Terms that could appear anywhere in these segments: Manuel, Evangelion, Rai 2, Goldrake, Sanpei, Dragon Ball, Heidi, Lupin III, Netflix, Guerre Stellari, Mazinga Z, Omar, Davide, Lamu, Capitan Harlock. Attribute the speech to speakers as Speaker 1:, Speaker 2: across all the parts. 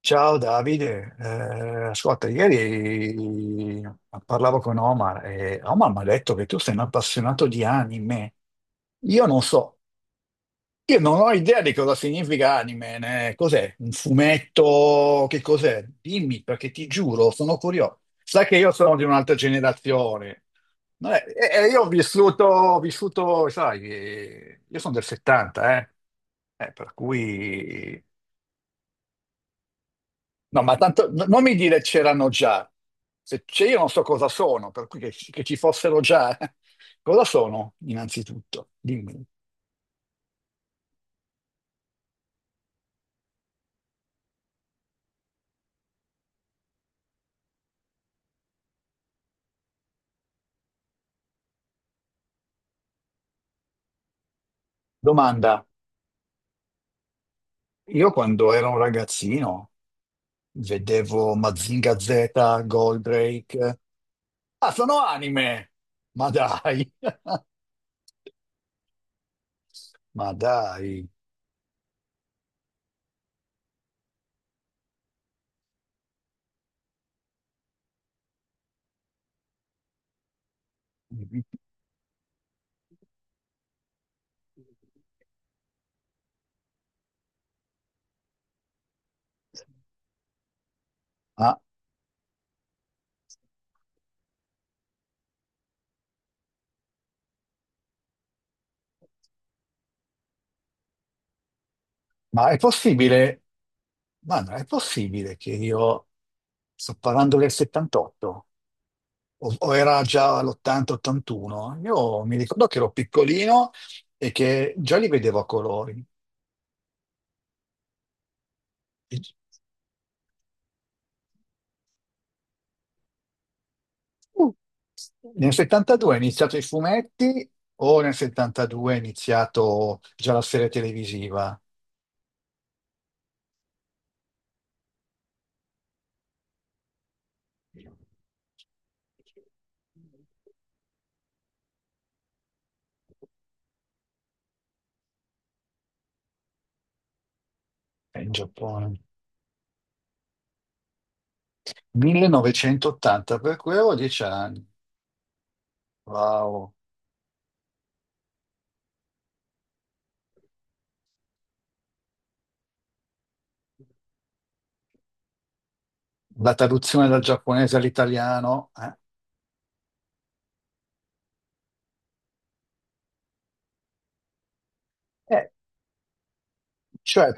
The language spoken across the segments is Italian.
Speaker 1: Ciao Davide, ascolta, ieri parlavo con Omar e Omar mi ha detto che tu sei un appassionato di anime. Io non so, io non ho idea di cosa significa anime, né? Cos'è? Un fumetto? Che cos'è? Dimmi, perché ti giuro, sono curioso. Sai che io sono di un'altra generazione. No, io ho vissuto, sai, io sono del 70, eh. Per cui No, ma tanto non mi dire c'erano già. Se c'è io non so cosa sono, per cui che ci fossero già. Cosa sono, innanzitutto? Dimmi. Domanda. Io quando ero un ragazzino vedevo Mazinga Z, Goldrake. Ah, sono anime! Ma dai! Ma dai! Ma, ma è possibile? Ma non è possibile che io sto parlando del 78? O era già l'80-81, io mi ricordo che ero piccolino e che già li vedevo a colori. E- Mm. Nel 72 è iniziato i fumetti o nel 72 è iniziato già la serie televisiva. In Giappone? 1980, per cui avevo 10 anni. Wow. La traduzione dal giapponese all'italiano, eh? Eh, cioè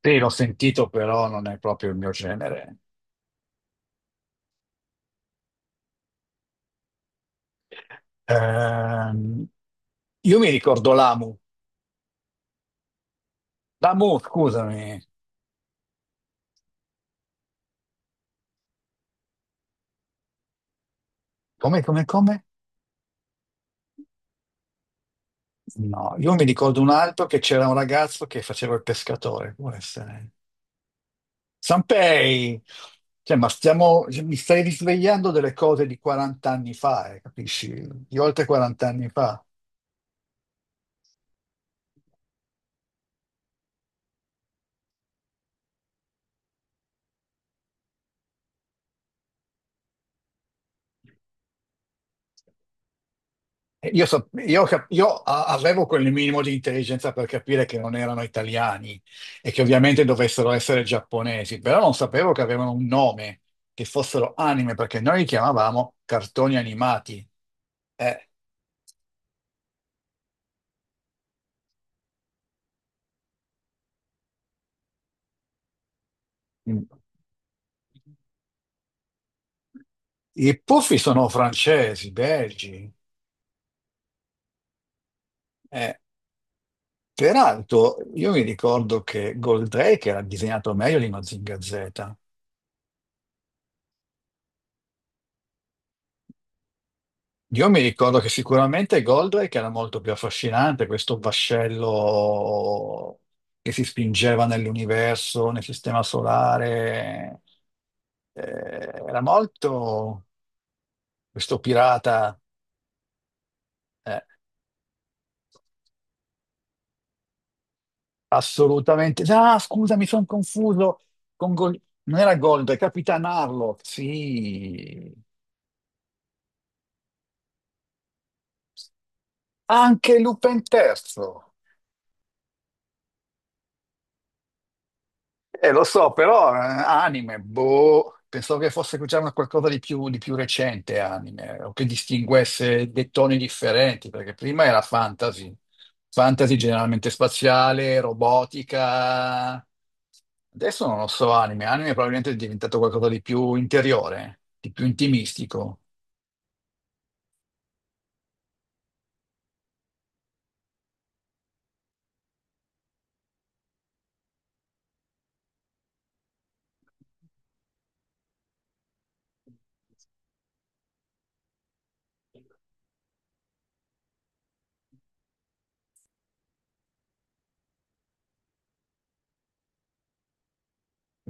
Speaker 1: Sì, l'ho sentito, però non è proprio il mio genere. Ehm, io mi ricordo Lamu. Lamu, scusami. Come, come, come? No, io mi ricordo un altro che c'era un ragazzo che faceva il pescatore. Può essere. Sanpei! Cioè, ma stiamo, mi stai risvegliando delle cose di 40 anni fa, capisci? Di oltre 40 anni fa. Io, so- io cap- io a- avevo quel minimo di intelligenza per capire che non erano italiani e che ovviamente dovessero essere giapponesi, però non sapevo che avevano un nome, che fossero anime, perché noi li chiamavamo cartoni animati. Eh, mm. I puffi sono francesi, belgi. Eh, peraltro, io mi ricordo che Goldrake era disegnato meglio di Mazinga Z. Io mi ricordo che sicuramente Goldrake era molto più affascinante, questo vascello che si spingeva nell'universo, nel sistema solare. Eh, era molto questo pirata, eh, assolutamente. Ah, scusa, mi sono confuso con Non era Goldrake, Capitan Harlock, sì. Anche Lupin III. Lo so, però anime, boh, pensavo che fosse già una qualcosa di più recente anime, o che distinguesse dei toni differenti, perché prima era fantasy, fantasy generalmente spaziale, robotica, adesso non lo so, anime, anime probabilmente è diventato qualcosa di più interiore, di più intimistico,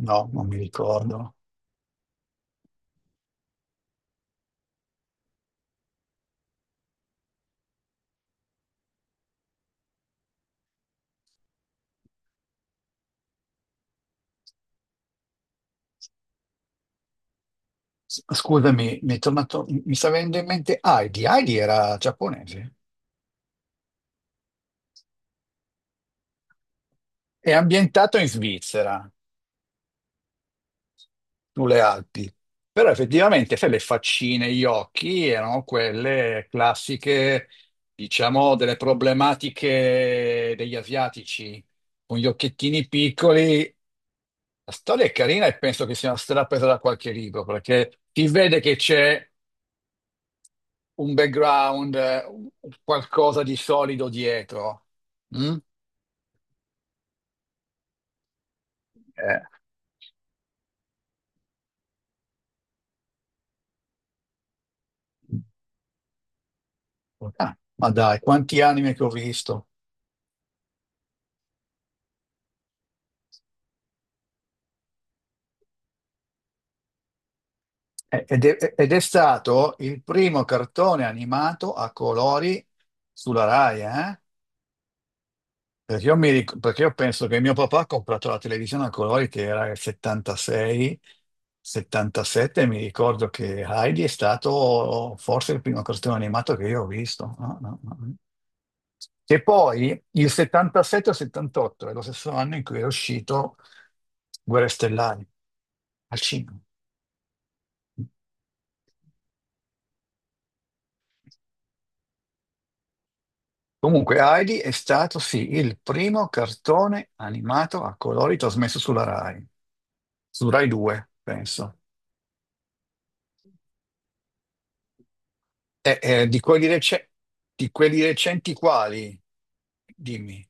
Speaker 1: no, non mi ricordo. Scusami, mi è tornato, mi sta venendo in mente Heidi, Heidi era giapponese, è ambientato in Svizzera. Sulle Alpi. Però effettivamente, sai, le faccine, gli occhi erano quelle classiche, diciamo, delle problematiche degli asiatici, con gli occhiettini piccoli. La storia è carina e penso che sia stata presa da qualche libro, perché si vede che c'è un background, qualcosa di solido dietro. Mm? Eh. Ah, ma dai, quanti anime che ho visto! Ed è stato il primo cartone animato a colori sulla Rai, eh? Perché io penso che mio papà ha comprato la televisione a colori che era il 76, 77, e mi ricordo che Heidi è stato forse il primo cartone animato che io ho visto. No, no, no, no. E poi il 77 o 78 è lo stesso anno in cui è uscito Guerre Stellari al cinema. Comunque, Heidi è stato sì il primo cartone animato a colori trasmesso sulla Rai, su Rai 2, penso. E, eh, di quelli rece- di quelli recenti quali? Dimmi,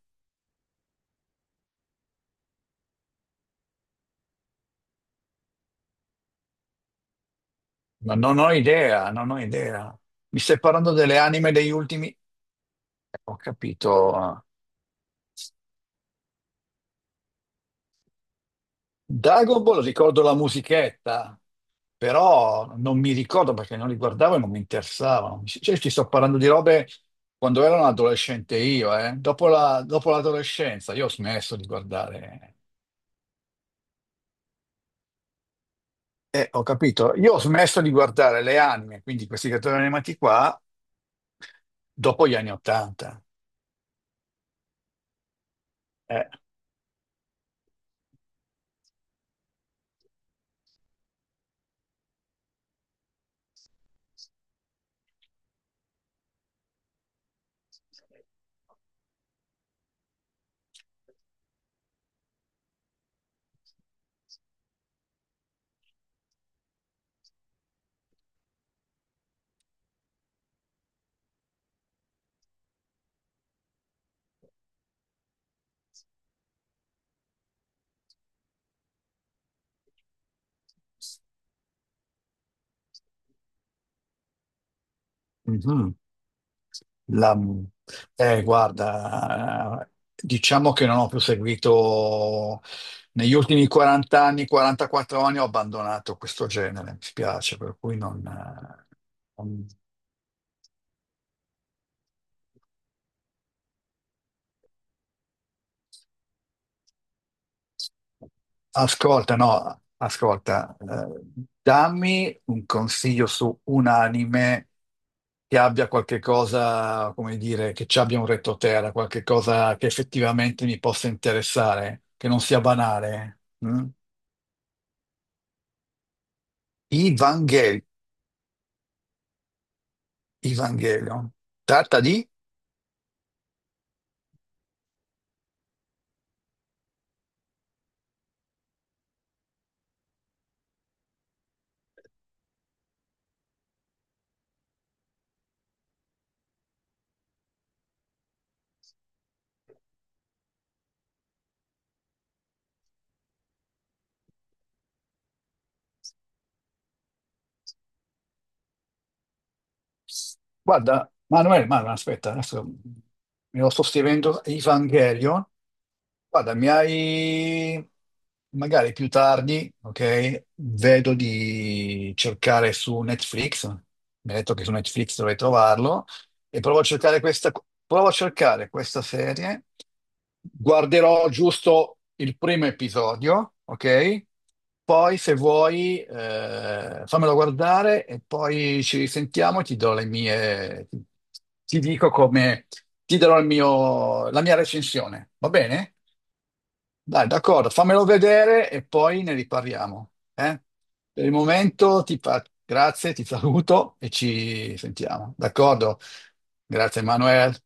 Speaker 1: ma non ho idea, non ho idea. Mi stai parlando delle anime degli ultimi? Ho capito. Dragon Ball ricordo la musichetta, però non mi ricordo perché non li guardavo e non mi interessavano. Cioè, ti sto parlando di robe quando ero un adolescente io, eh. Dopo l'adolescenza io ho smesso di guardare. Ho capito. Io ho smesso di guardare le anime, quindi questi cartoni animati qua, dopo gli anni Ottanta. Eh, mhm. La- guarda, diciamo che non ho più seguito negli ultimi 40 anni, 44 anni, ho abbandonato questo genere, mi spiace, per cui non- Ascolta, no, ascolta, dammi un consiglio su un anime che abbia qualche cosa, come dire, che ci abbia un retroterra, qualche cosa che effettivamente mi possa interessare, che non sia banale. Mm? Evangel- Evangelion. Tratta di... Guarda, Manuel, Manuel, aspetta, adesso mi lo sto scrivendo, Evangelion. Guarda, mi hai magari più tardi, ok? Vedo di cercare su Netflix. Mi hai detto che su Netflix dovrei trovarlo. E provo a cercare questa, provo a cercare questa serie. Guarderò giusto il primo episodio, ok? Poi, se vuoi, fammelo guardare e poi ci risentiamo e ti do le mie. Ti dico come. Ti darò la mia recensione. Va bene? Dai, d'accordo, fammelo vedere e poi ne riparliamo. Eh? Per il momento ti fa... grazie, ti saluto e ci sentiamo. D'accordo? Grazie, Manuel.